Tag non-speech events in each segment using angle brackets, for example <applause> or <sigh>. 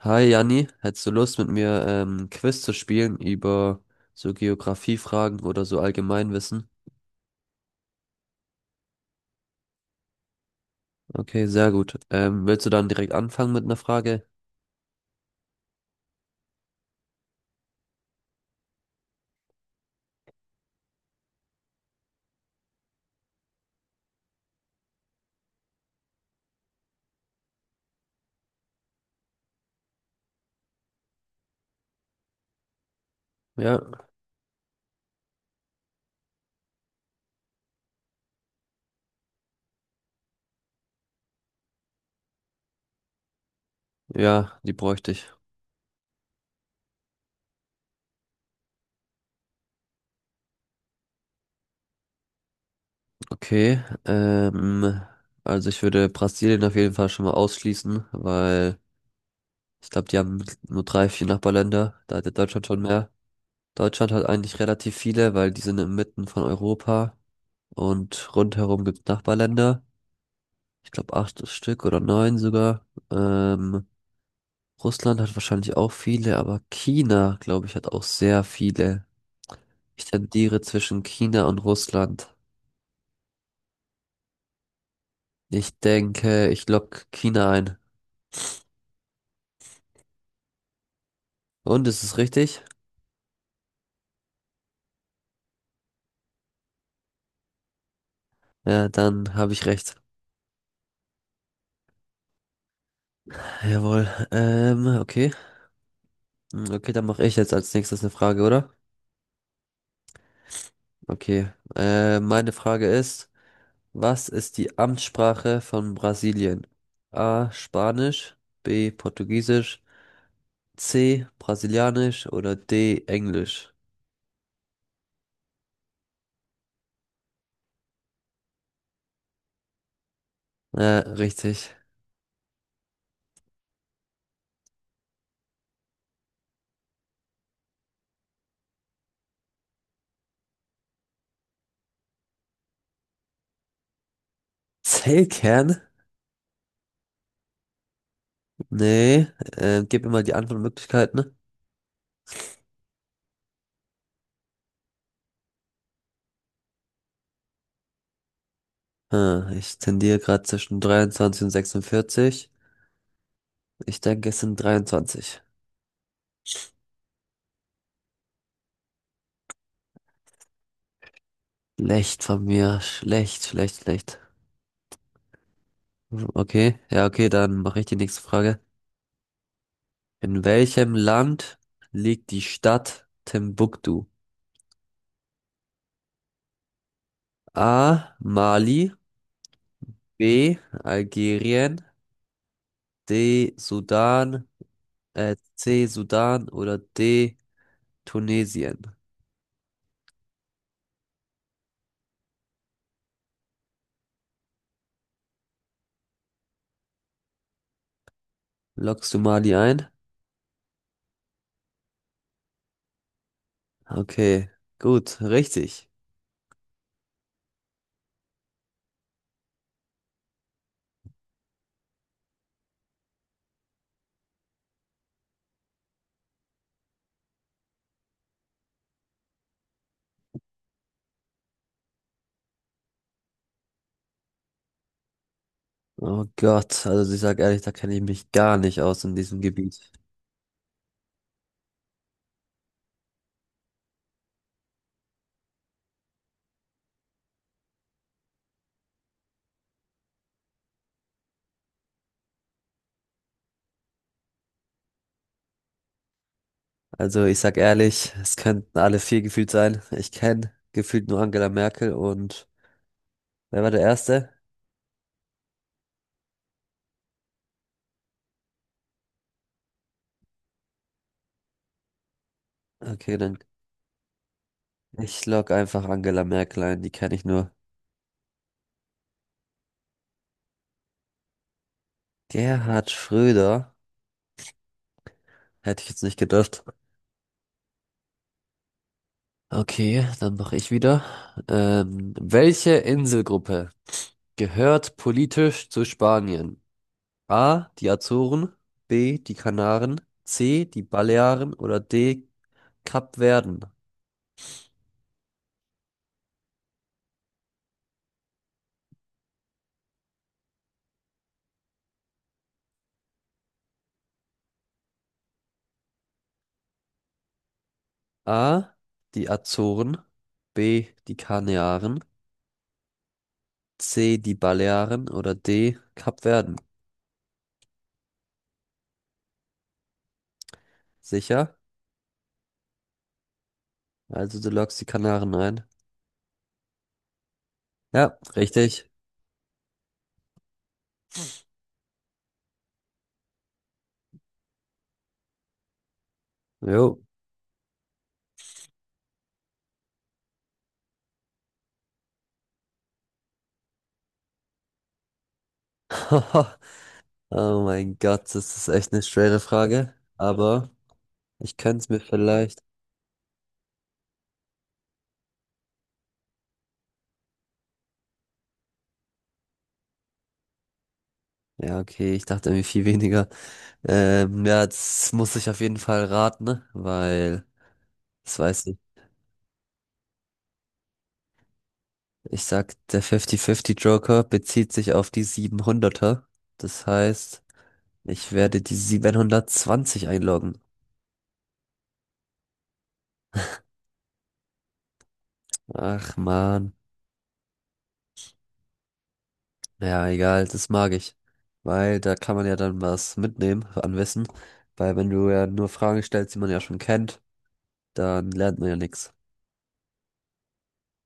Hi Janni, hättest du Lust mit mir ein Quiz zu spielen über so Geografiefragen oder so Allgemeinwissen? Okay, sehr gut. Willst du dann direkt anfangen mit einer Frage? Ja, ja, die bräuchte ich. Okay, also ich würde Brasilien auf jeden Fall schon mal ausschließen, weil ich glaube, die haben nur drei, vier Nachbarländer. Da hat ja Deutschland schon mehr. Deutschland hat eigentlich relativ viele, weil die sind inmitten von Europa und rundherum gibt es Nachbarländer. Ich glaube acht Stück oder neun sogar. Ähm, Russland hat wahrscheinlich auch viele, aber China, glaube ich, hat auch sehr viele. Ich tendiere zwischen China und Russland. Ich denke, ich lock China ein. Und ist es richtig? Ja, dann habe ich recht. Jawohl. Okay. Hm, okay, dann mache ich jetzt als nächstes eine Frage, oder? Okay. Meine Frage ist, was ist die Amtssprache von Brasilien? A. Spanisch, B. Portugiesisch. C, Brasilianisch oder D, Englisch? Ja, richtig. Zellkern? Nee, gib mir mal die Antwortmöglichkeiten. Hm, ich tendiere gerade zwischen 23 und 46. Ich denke, es sind 23. Schlecht von mir. Schlecht, schlecht, schlecht. Okay, ja, okay, dann mache ich die nächste Frage. In welchem Land liegt die Stadt Timbuktu? A. Mali. B. Algerien. D. Sudan. C, Sudan oder D, Tunesien. Loggst du Mali ein? Okay, gut, richtig. Oh Gott, also ich sag ehrlich, da kenne ich mich gar nicht aus in diesem Gebiet. Also ich sag ehrlich, es könnten alle vier gefühlt sein. Ich kenne gefühlt nur Angela Merkel und wer war der Erste? Okay, dann ich log einfach Angela Merkel ein, die kenne ich nur. Gerhard Schröder, hätte ich jetzt nicht gedacht. Okay, dann mache ich wieder. Welche Inselgruppe gehört politisch zu Spanien. A. Die Azoren. B. Die Kanaren. C. Die Balearen oder D. Kapverden. A. Die Azoren. B. Die Kanaren. C. Die Balearen oder D. Kapverden. Sicher? Also du loggst die Kanaren ein. Ja, richtig. Jo. <laughs> Oh mein Gott, das ist echt eine schwere Frage. Aber ich könnte es mir vielleicht. Ja, okay, ich dachte irgendwie viel weniger. Ja, das muss ich auf jeden Fall raten, ne? Weil, das weiß ich. Ich sag, der 50-50 Joker bezieht sich auf die 700er. Das heißt, ich werde die 720 einloggen. Ach man. Ja, egal, das mag ich. Weil da kann man ja dann was mitnehmen an Wissen. Weil wenn du ja nur Fragen stellst, die man ja schon kennt, dann lernt man ja nichts.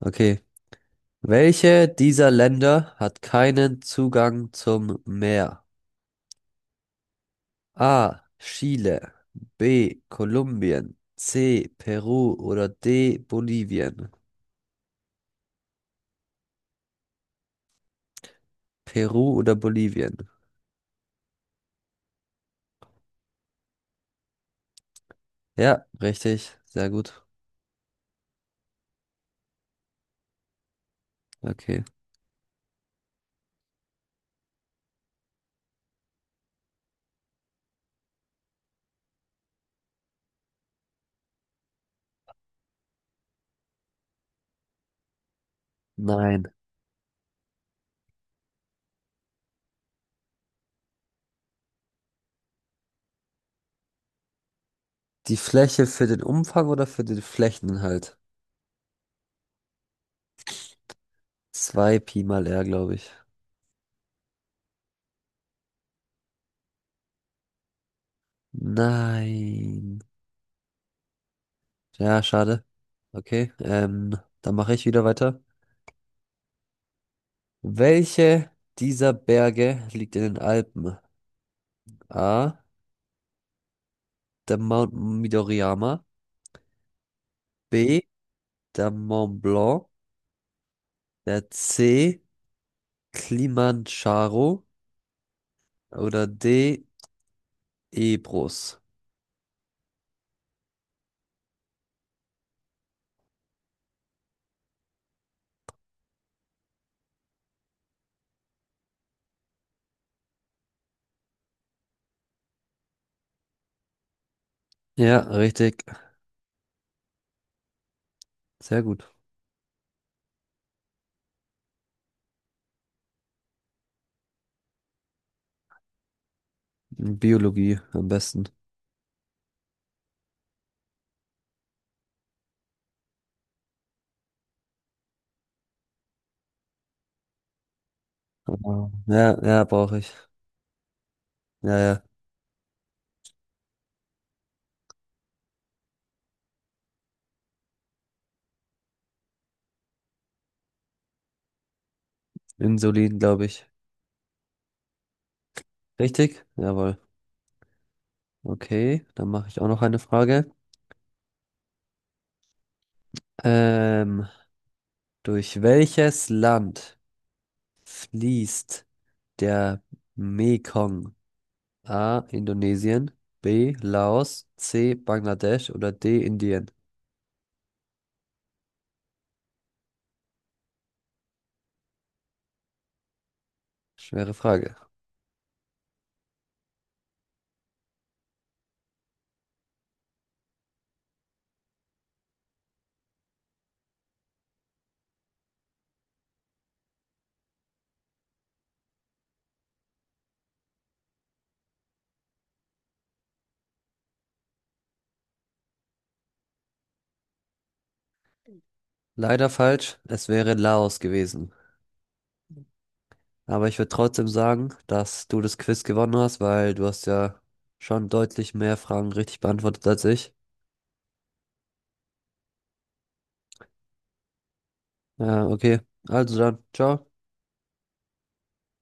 Okay. Welche dieser Länder hat keinen Zugang zum Meer? A. Chile. B. Kolumbien. C. Peru oder D. Bolivien. Peru oder Bolivien? Ja, richtig. Sehr gut. Okay. Nein. Die Fläche für den Umfang oder für den Flächeninhalt? 2 Pi mal R, glaube ich. Nein. Ja, schade. Okay, dann mache ich wieder weiter. Welche dieser Berge liegt in den Alpen? A. Der Mount Midoriyama. B. der Mont Blanc, der C. Kilimanjaro oder D. Ebrus. Ja, richtig. Sehr gut. Biologie am besten. Aber- ja, ja, brauche ich. Ja, ja. Insulin, glaube ich. Richtig? Jawohl. Okay, dann mache ich auch noch eine Frage. Ähm, durch welches Land fließt der Mekong? A. Indonesien, B. Laos, C. Bangladesch oder D. Indien? Schwere Frage. Leider falsch, es wäre Laos gewesen. Aber ich würde trotzdem sagen, dass du das Quiz gewonnen hast, weil du hast ja schon deutlich mehr Fragen richtig beantwortet als ich. Ja, okay. Also dann, ciao.